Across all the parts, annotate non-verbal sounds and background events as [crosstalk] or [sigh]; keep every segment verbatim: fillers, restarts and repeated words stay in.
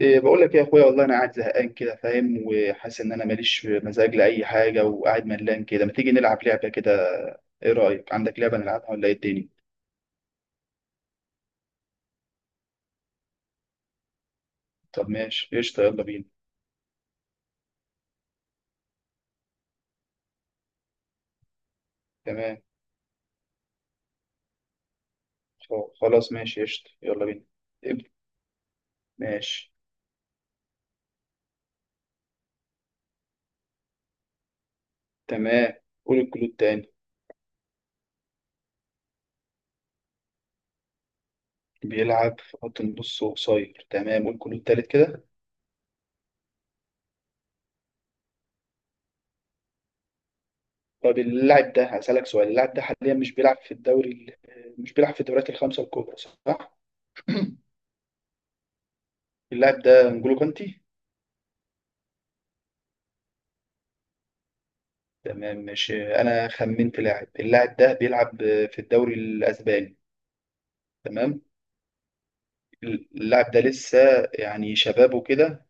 إيه، بقول لك إيه يا اخويا، والله انا قاعد زهقان كده، فاهم وحاسس ان انا ماليش مزاج لاي حاجه وقاعد ملان كده. ما تيجي نلعب لعبه كده؟ ايه رايك، عندك لعبه نلعبها ولا ايه الدنيا؟ طب ماشي قشطه، يلا بينا. تمام. خ- خلاص ماشي قشطه يلا بينا. ابدأ. ماشي. تمام، قول الكلود تاني. بيلعب في خط النص وقصير، تمام قول الكلود تالت كده. طب اللاعب ده هسألك سؤال، اللاعب ده حاليا مش بيلعب في الدوري ال- مش بيلعب في الدوريات الخمسه الكبرى، صح؟ اللاعب ده نجولو كانتي. تمام ماشي، انا خمنت لاعب، اللاعب ده بيلعب في الدوري الاسباني. تمام. اللاعب ده لسه يعني شباب وكده،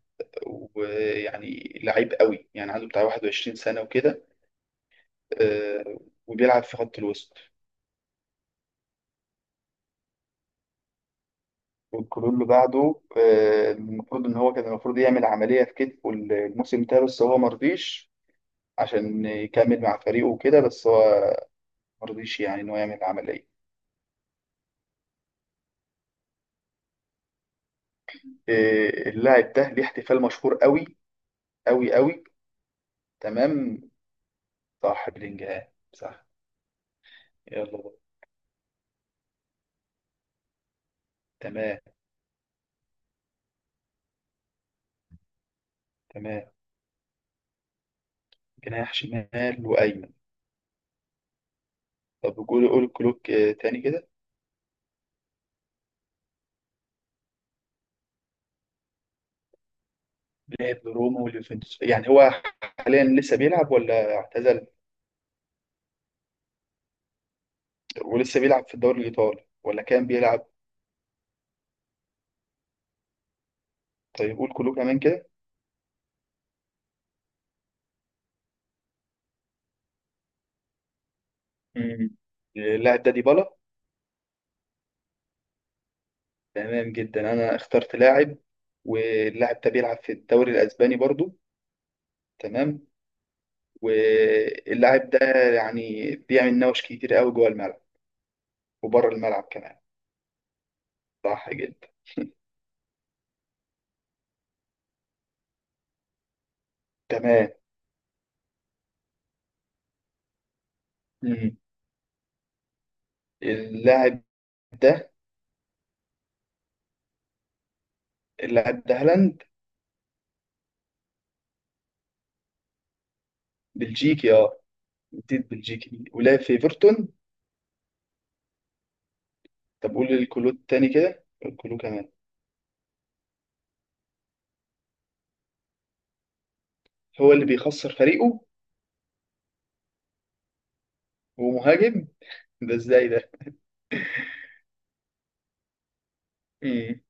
ويعني لعيب قوي، يعني عنده بتاع واحد وعشرين سنة وكده. آه، وبيلعب في خط الوسط. والكلون اللي بعده آه، المفروض ان هو كان المفروض يعمل عملية في كتفه الموسم ده بس هو مرضيش عشان يكمل مع فريقه وكده، بس هو مرضيش يعني ان هو يعمل عملية. آه، اللاعب ده ليه احتفال مشهور قوي قوي قوي. تمام، صح بلينجهام صح. يلا بقى. تمام. تمام، جناح شمال وأيمن. طب قول قول كلوك آه، تاني كده. لعب لروما واليوفنتوس، يعني هو حاليا لسه بيلعب ولا اعتزل؟ ولسه بيلعب في الدوري الإيطالي ولا كان بيلعب؟ طيب قول كلوك كمان كده. مم. اللاعب ده ديبالا. تمام جدا، أنا اخترت لاعب، واللاعب ده بيلعب في الدوري الأسباني برضو. تمام. واللاعب ده يعني بيعمل نوش كتير قوي جوه الملعب وبره الملعب كمان. صح جدا. تمام. مم. اللاعب ده اللاعب ده هالاند. بلجيكي اه، جديد بلجيكي ولعب في ايفرتون. طب قول الكلو التاني كده، الكلو كمان. هو اللي بيخسر فريقه؟ ومهاجم؟ ده ازاي ده؟ مم.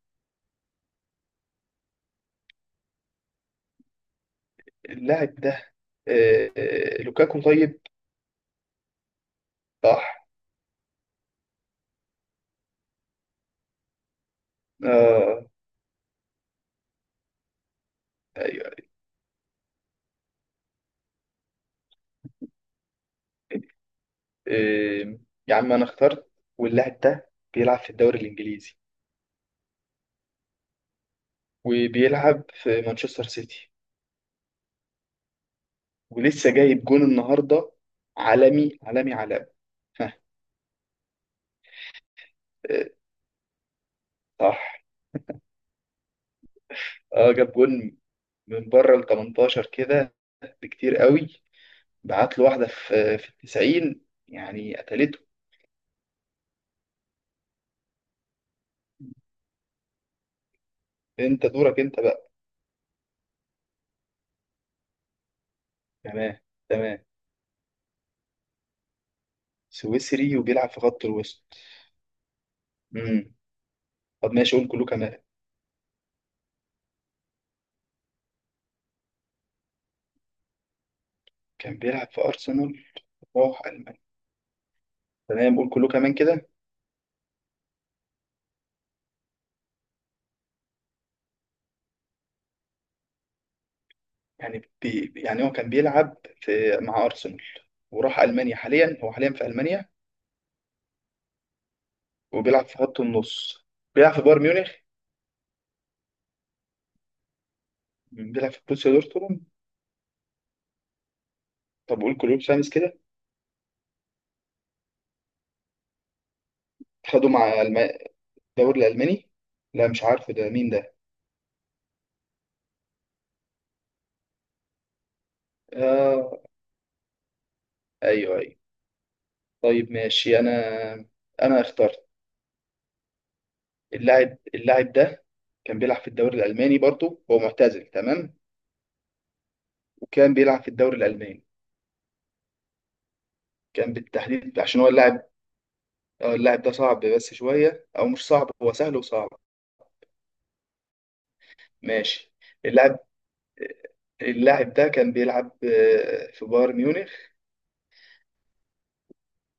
اللاعب ده آه آه لوكاكو طيب. صح. آه. ايوه. آه، يا عم انا اخترت، واللاعب ده بيلعب في الدوري الانجليزي، وبيلعب في مانشستر سيتي، ولسه جايب جون النهارده، عالمي عالمي عالمي. ها. آه، صح. اه جاب جون من بره ال تمنتاشر كده، بكتير قوي، بعت له واحده في في ال التسعين، يعني قتلته. انت دورك انت بقى. تمام. تمام، سويسري وبيلعب في خط الوسط. امم. طب ماشي، قول كله كمان. كان بيلعب في ارسنال، راح المانيا، تمام قول كله كمان كده. يعني بي يعني هو كان بيلعب في مع ارسنال، وراح المانيا، حاليا هو حاليا في المانيا، وبيلعب في خط النص. بيلعب في بايرن ميونخ. بيلعب في بروسيا دورتموند. طب قول كلوب سامس كده. خدوا مع الم... الدوري الألماني. لا مش عارفه ده مين ده. آه. أيوه أيوه. طيب ماشي، أنا أنا اخترت. اللاعب اللاعب ده كان بيلعب في الدوري الألماني برضه، هو معتزل، تمام. وكان بيلعب في الدوري الألماني. كان بالتحديد عشان هو اللاعب. آه، اللاعب ده صعب بس شوية، أو مش صعب، هو سهل وصعب. ماشي. اللاعب اللاعب ده كان بيلعب آه، في بايرن ميونخ،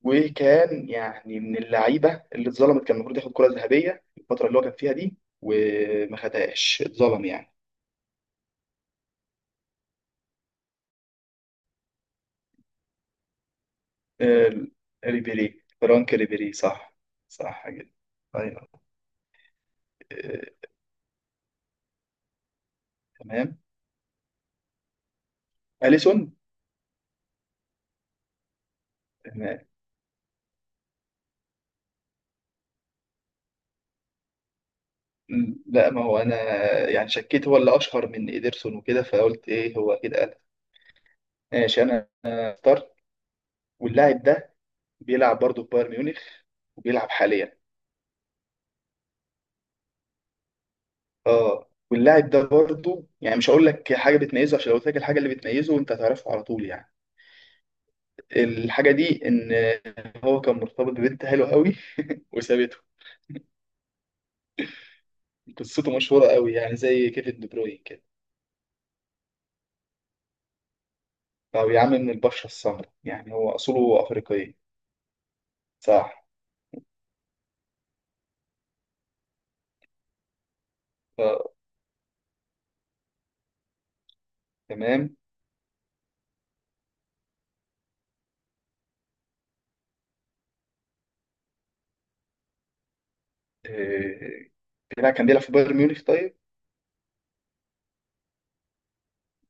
وكان يعني من اللعيبه اللي اتظلمت، كان المفروض ياخد كره ذهبيه الفتره اللي هو كان فيها دي، وما خدهاش، اتظلم يعني. آه، ريبيري، فرانك ريبيري صح. صح جدا. طيب. آه، تمام. اليسون. تمام. لا ما هو انا يعني شكيت هو اللي اشهر من ايدرسون وكده، فقلت ايه هو اكيد قال. ماشي، انا اخترت، واللاعب ده بيلعب برضه في بايرن ميونخ، وبيلعب حاليا. اه، واللاعب ده برضه يعني مش هقول لك حاجه بتميزه، عشان لو قلت لك الحاجه اللي بتميزه انت هتعرفه على طول يعني. الحاجه دي ان هو كان مرتبط ببنت حلوه قوي وسابته. قصته مشهوره قوي، يعني زي كيفن دي بروين كده. او يا عم، من البشره السمراء، يعني هو اصوله افريقيه. صح. آه. تمام. آه. لا كان بيلعب في بايرن ميونخ طيب.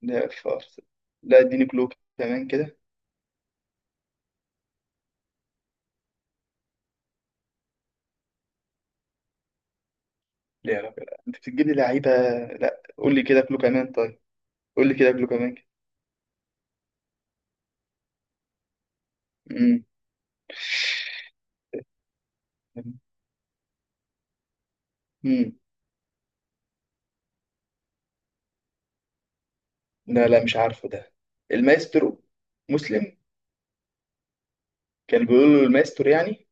لا في أرسنال. لا اديني كلوب كمان كده. لا لا لا. انت بتجيب لي لعيبه. لا قول لي كده كلوب كمان طيب. قول لي كده كلوب كمان كده. مم. لا لا مش عارفه ده. المايسترو. مسلم. كان بيقولوا له المايسترو يعني.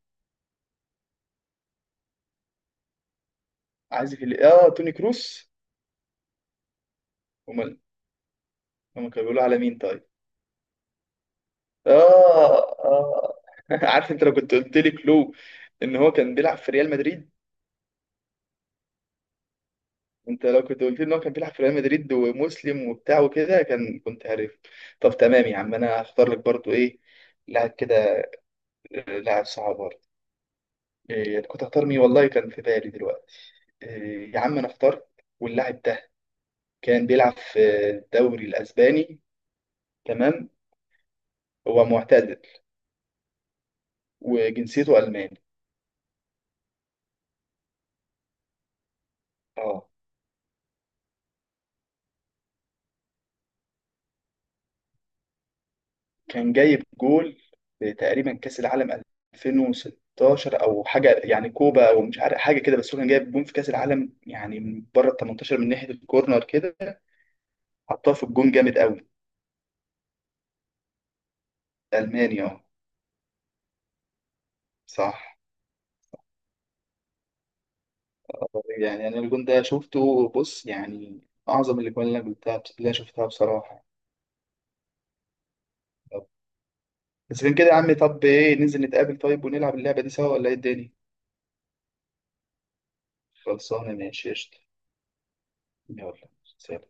عازف ال- اه، توني كروس. امال هم كانوا بيقولوا على مين طيب؟ اه. اه. [laughs] عارف انت لو كنت قلت لي كلو ان هو كان بيلعب في ريال مدريد. انت لو كنت قلت لي ان هو كان بيلعب في ريال مدريد ومسلم وبتاع وكده، كان كنت عارف. طب تمام يا عم، انا هختار لك برضو ايه، لاعب كده، لاعب صعب. إيه، كنت اختار مين والله، كان في بالي دلوقتي. إيه، يا عم انا اخترت، واللاعب ده كان بيلعب في الدوري الاسباني. تمام. هو معتزل، وجنسيته الماني. اه. كان جايب جول في تقريبا كاس العالم ألفين وستاشر او حاجه، يعني كوبا او مش عارف حاجه كده، بس هو كان جايب جون في كاس العالم يعني، من بره ال تمنتاشر، من ناحيه الكورنر كده، حطها في الجون جامد قوي. الماني اه، صح. يعني انا الجون ده شفته بص يعني، اعظم الاجوان اللي انا قلتها اللي انا شفتها بصراحه. بس كان كده يا عمي، طب ايه ننزل نتقابل طيب ونلعب اللعبه دي سوا ولا ايه الدنيا؟ خلصانه، ماشي قشطه. يلا. سلام.